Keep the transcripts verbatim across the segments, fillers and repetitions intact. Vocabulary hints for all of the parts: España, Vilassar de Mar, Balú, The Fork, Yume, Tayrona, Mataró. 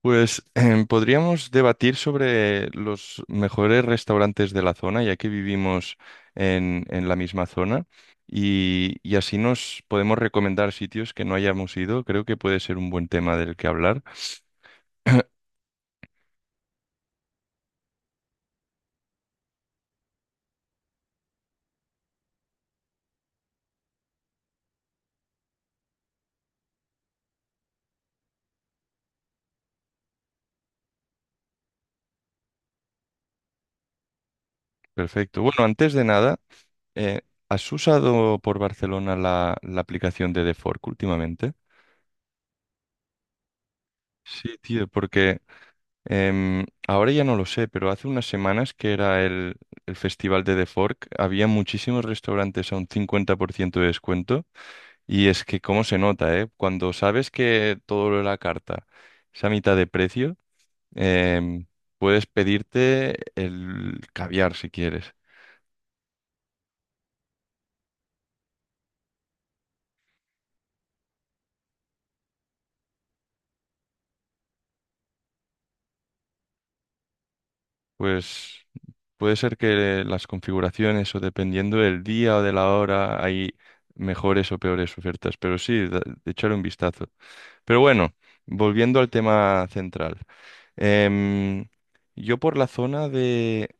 Pues em, podríamos debatir sobre los mejores restaurantes de la zona, ya que vivimos en, en la misma zona, y, y así nos podemos recomendar sitios que no hayamos ido. Creo que puede ser un buen tema del que hablar. Perfecto. Bueno, antes de nada, eh, ¿has usado por Barcelona la, la aplicación de The Fork últimamente? Sí, tío, porque Em, ahora ya no lo sé, pero hace unas semanas que era el, el festival de The Fork, había muchísimos restaurantes a un cincuenta por ciento de descuento y es que cómo se nota, ¿eh? Cuando sabes que todo lo de la carta es a mitad de precio, em, puedes pedirte el caviar si quieres. Pues puede ser que las configuraciones o dependiendo del día o de la hora hay mejores o peores ofertas, pero sí, da- de echarle un vistazo. Pero bueno, volviendo al tema central. Em, yo por la zona de,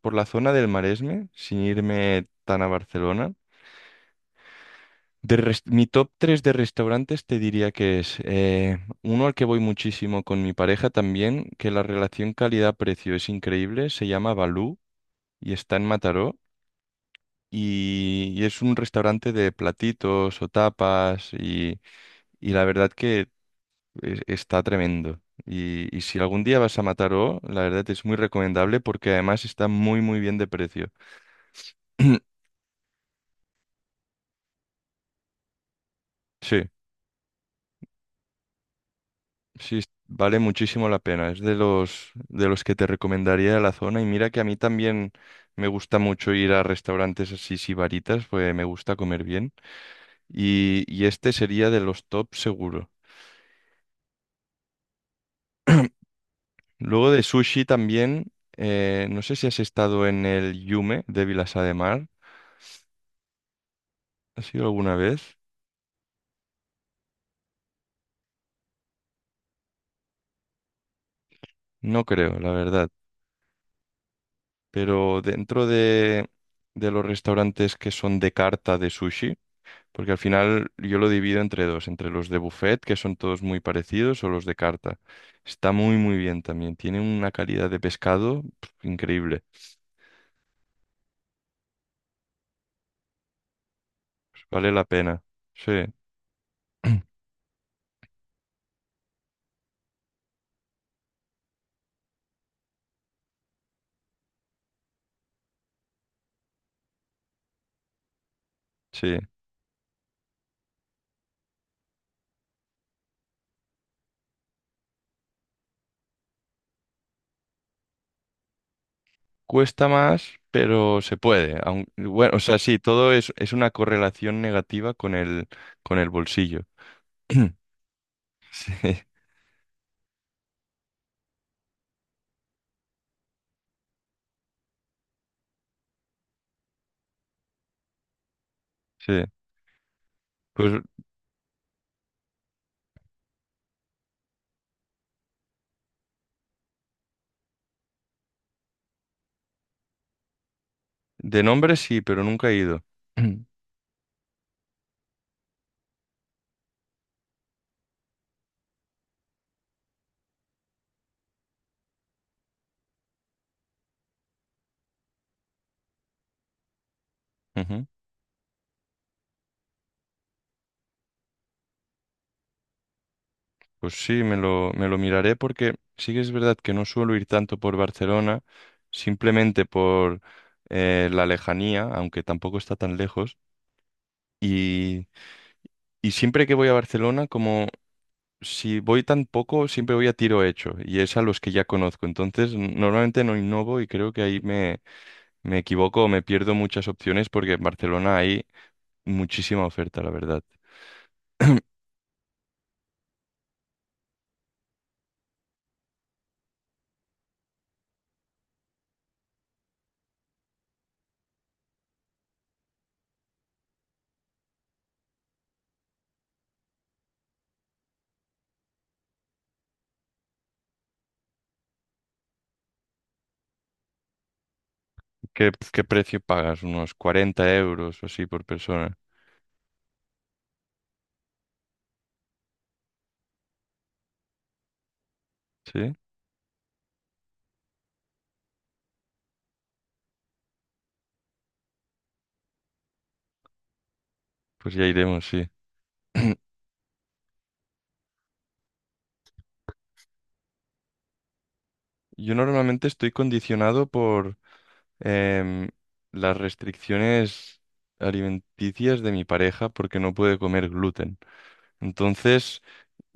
por la zona del Maresme, sin irme tan a Barcelona, de res- mi top tres de restaurantes te diría que es eh, uno al que voy muchísimo con mi pareja también, que la relación calidad-precio es increíble, se llama Balú y está en Mataró. Y, y es un restaurante de platitos o tapas y, y la verdad que Es- Está tremendo. Y, y si algún día vas a Mataró, la verdad es muy recomendable porque además está muy muy bien de precio. Sí, sí, es- vale muchísimo la pena. Es de los de los que te recomendaría de la zona. Y mira que a mí también me gusta mucho ir a restaurantes así sibaritas, pues me gusta comer bien. Y, y este sería de los top seguro. Luego de sushi también, eh, no sé si has estado en el Yume de Vilassar de Mar. ¿Has ido alguna vez? No creo, la verdad. Pero dentro de, de, los restaurantes que son de carta de sushi, porque al final yo lo divido entre dos, entre los de buffet, que son todos muy parecidos, o los de carta. Está muy, muy bien también. Tiene una calidad de pescado pf, increíble. Vale la pena. Sí, sí. Cuesta más, pero se puede. aun- bueno, o sea, sí, todo es, es una correlación negativa con el, con el bolsillo. Sí, sí. Pues de nombre sí, pero nunca he ido. Ujú. Pues sí, me lo, me lo miraré porque sí que es verdad que no suelo ir tanto por Barcelona, simplemente por eh, la lejanía, aunque tampoco está tan lejos. Y, y siempre que voy a Barcelona, como si voy tan poco, siempre voy a tiro hecho, y es a los que ya conozco. Entonces, n- normalmente no innovo y creo que ahí me, me equivoco o me pierdo muchas opciones porque en Barcelona hay muchísima oferta, la verdad. ¿Qué, qué precio pagas? Unos cuarenta euros o así por persona. ¿Sí? Pues ya iremos, sí. Yo normalmente estoy condicionado por em, las restricciones alimenticias de mi pareja porque no puede comer gluten. Entonces,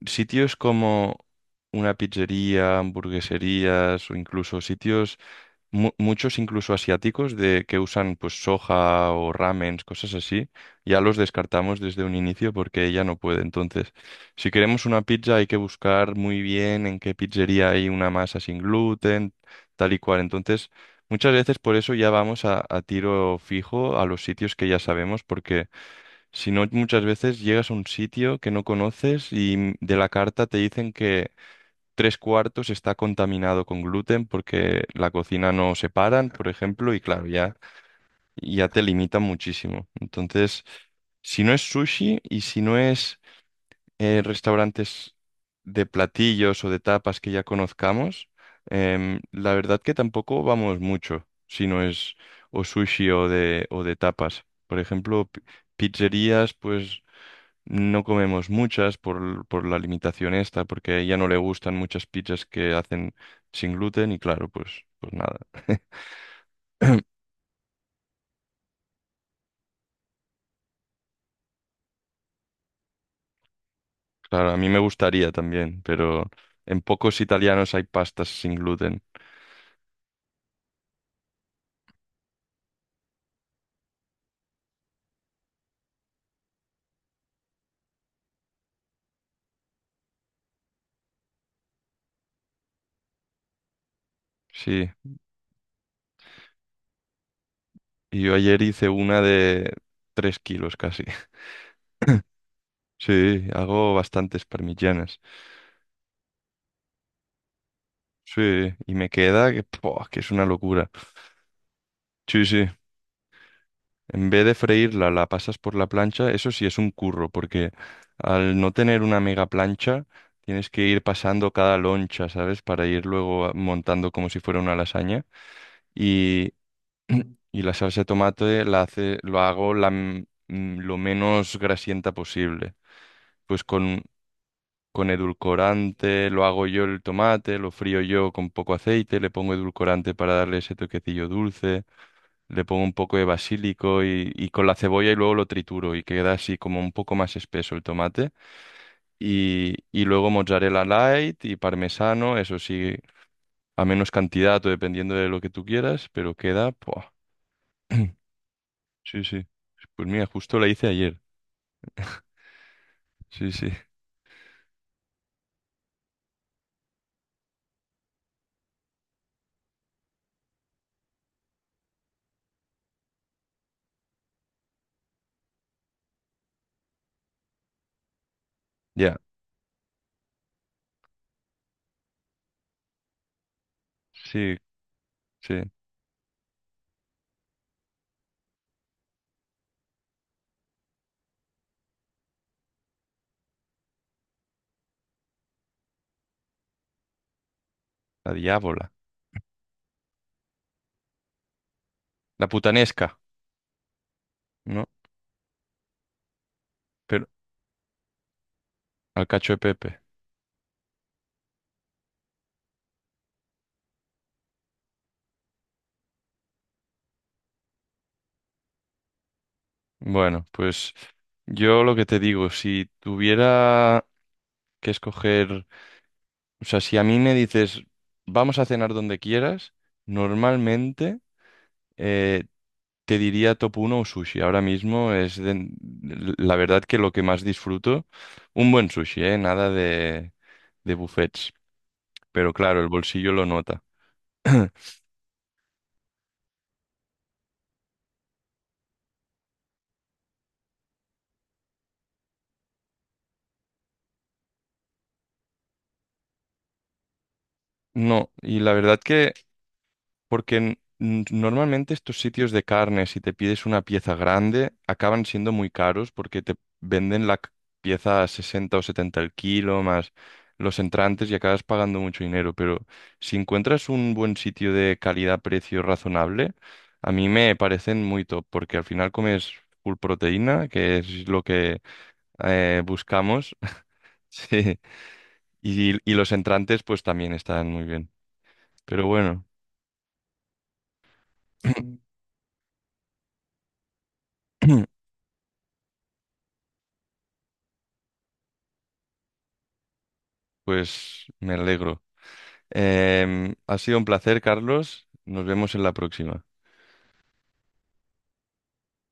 sitios como una pizzería, hamburgueserías o incluso sitios mu- muchos incluso asiáticos de que usan pues soja o ramens, cosas así, ya los descartamos desde un inicio porque ella no puede. Entonces, si queremos una pizza hay que buscar muy bien en qué pizzería hay una masa sin gluten, tal y cual. Entonces, muchas veces por eso ya vamos a, a tiro fijo a los sitios que ya sabemos porque si no, muchas veces llegas a un sitio que no conoces y de la carta te dicen que tres cuartos está contaminado con gluten porque la cocina no separan, por ejemplo, y claro, ya, ya te limitan muchísimo. Entonces, si no es sushi y si no es eh, restaurantes de platillos o de tapas que ya conozcamos, em, la verdad que tampoco vamos mucho si no es o sushi o de, o de tapas. Por ejemplo, pi- pizzerías, pues no comemos muchas por, por la limitación esta, porque a ella no le gustan muchas pizzas que hacen sin gluten y claro, pues, pues nada. Claro, a mí me gustaría también, pero en pocos italianos hay pastas sin gluten. Sí, y yo ayer hice una de tres kilos casi. Sí, hago bastantes parmigianas. Sí, y me queda que, ¡pua! Que es una locura. Sí, sí. En vez de freírla, la pasas por la plancha. Eso sí es un curro, porque al no tener una mega plancha, tienes que ir pasando cada loncha, ¿sabes? Para ir luego a- montando como si fuera una lasaña. Y, y la salsa de tomate la hace, lo hago la, m- m- lo menos grasienta posible. Pues con, con edulcorante lo hago yo el tomate, lo frío yo con poco aceite, le pongo edulcorante para darle ese toquecillo dulce, le pongo un poco de basílico y, y con la cebolla y luego lo trituro y queda así como un poco más espeso el tomate. Y, y luego mozzarella light y parmesano, eso sí, a menos cantidad o dependiendo de lo que tú quieras, pero queda... ¡buah! Sí, sí. Pues mira, justo la hice ayer. Sí, sí. Ya, sí, sí. La diábola. La putanesca, ¿no? Pero al cacho de Pepe. Bueno, pues yo lo que te digo, si tuviera que escoger. O sea, si a mí me dices, vamos a cenar donde quieras, normalmente eh, te diría top uno o sushi. Ahora mismo es de- la verdad que lo que más disfruto, un buen sushi, ¿eh? Nada de, de buffets. Pero claro, el bolsillo lo nota. No, y la verdad que. Porque n- n- normalmente estos sitios de carne, si te pides una pieza grande, acaban siendo muy caros porque te venden la c- pieza a sesenta o setenta el kilo, más los entrantes y acabas pagando mucho dinero. Pero si encuentras un buen sitio de calidad-precio razonable, a mí me parecen muy top porque al final comes full proteína, que es lo que eh, buscamos. Sí. Y, y los entrantes pues también están muy bien. Pero bueno. Pues me alegro. Em, ha sido un placer, Carlos. Nos vemos en la próxima.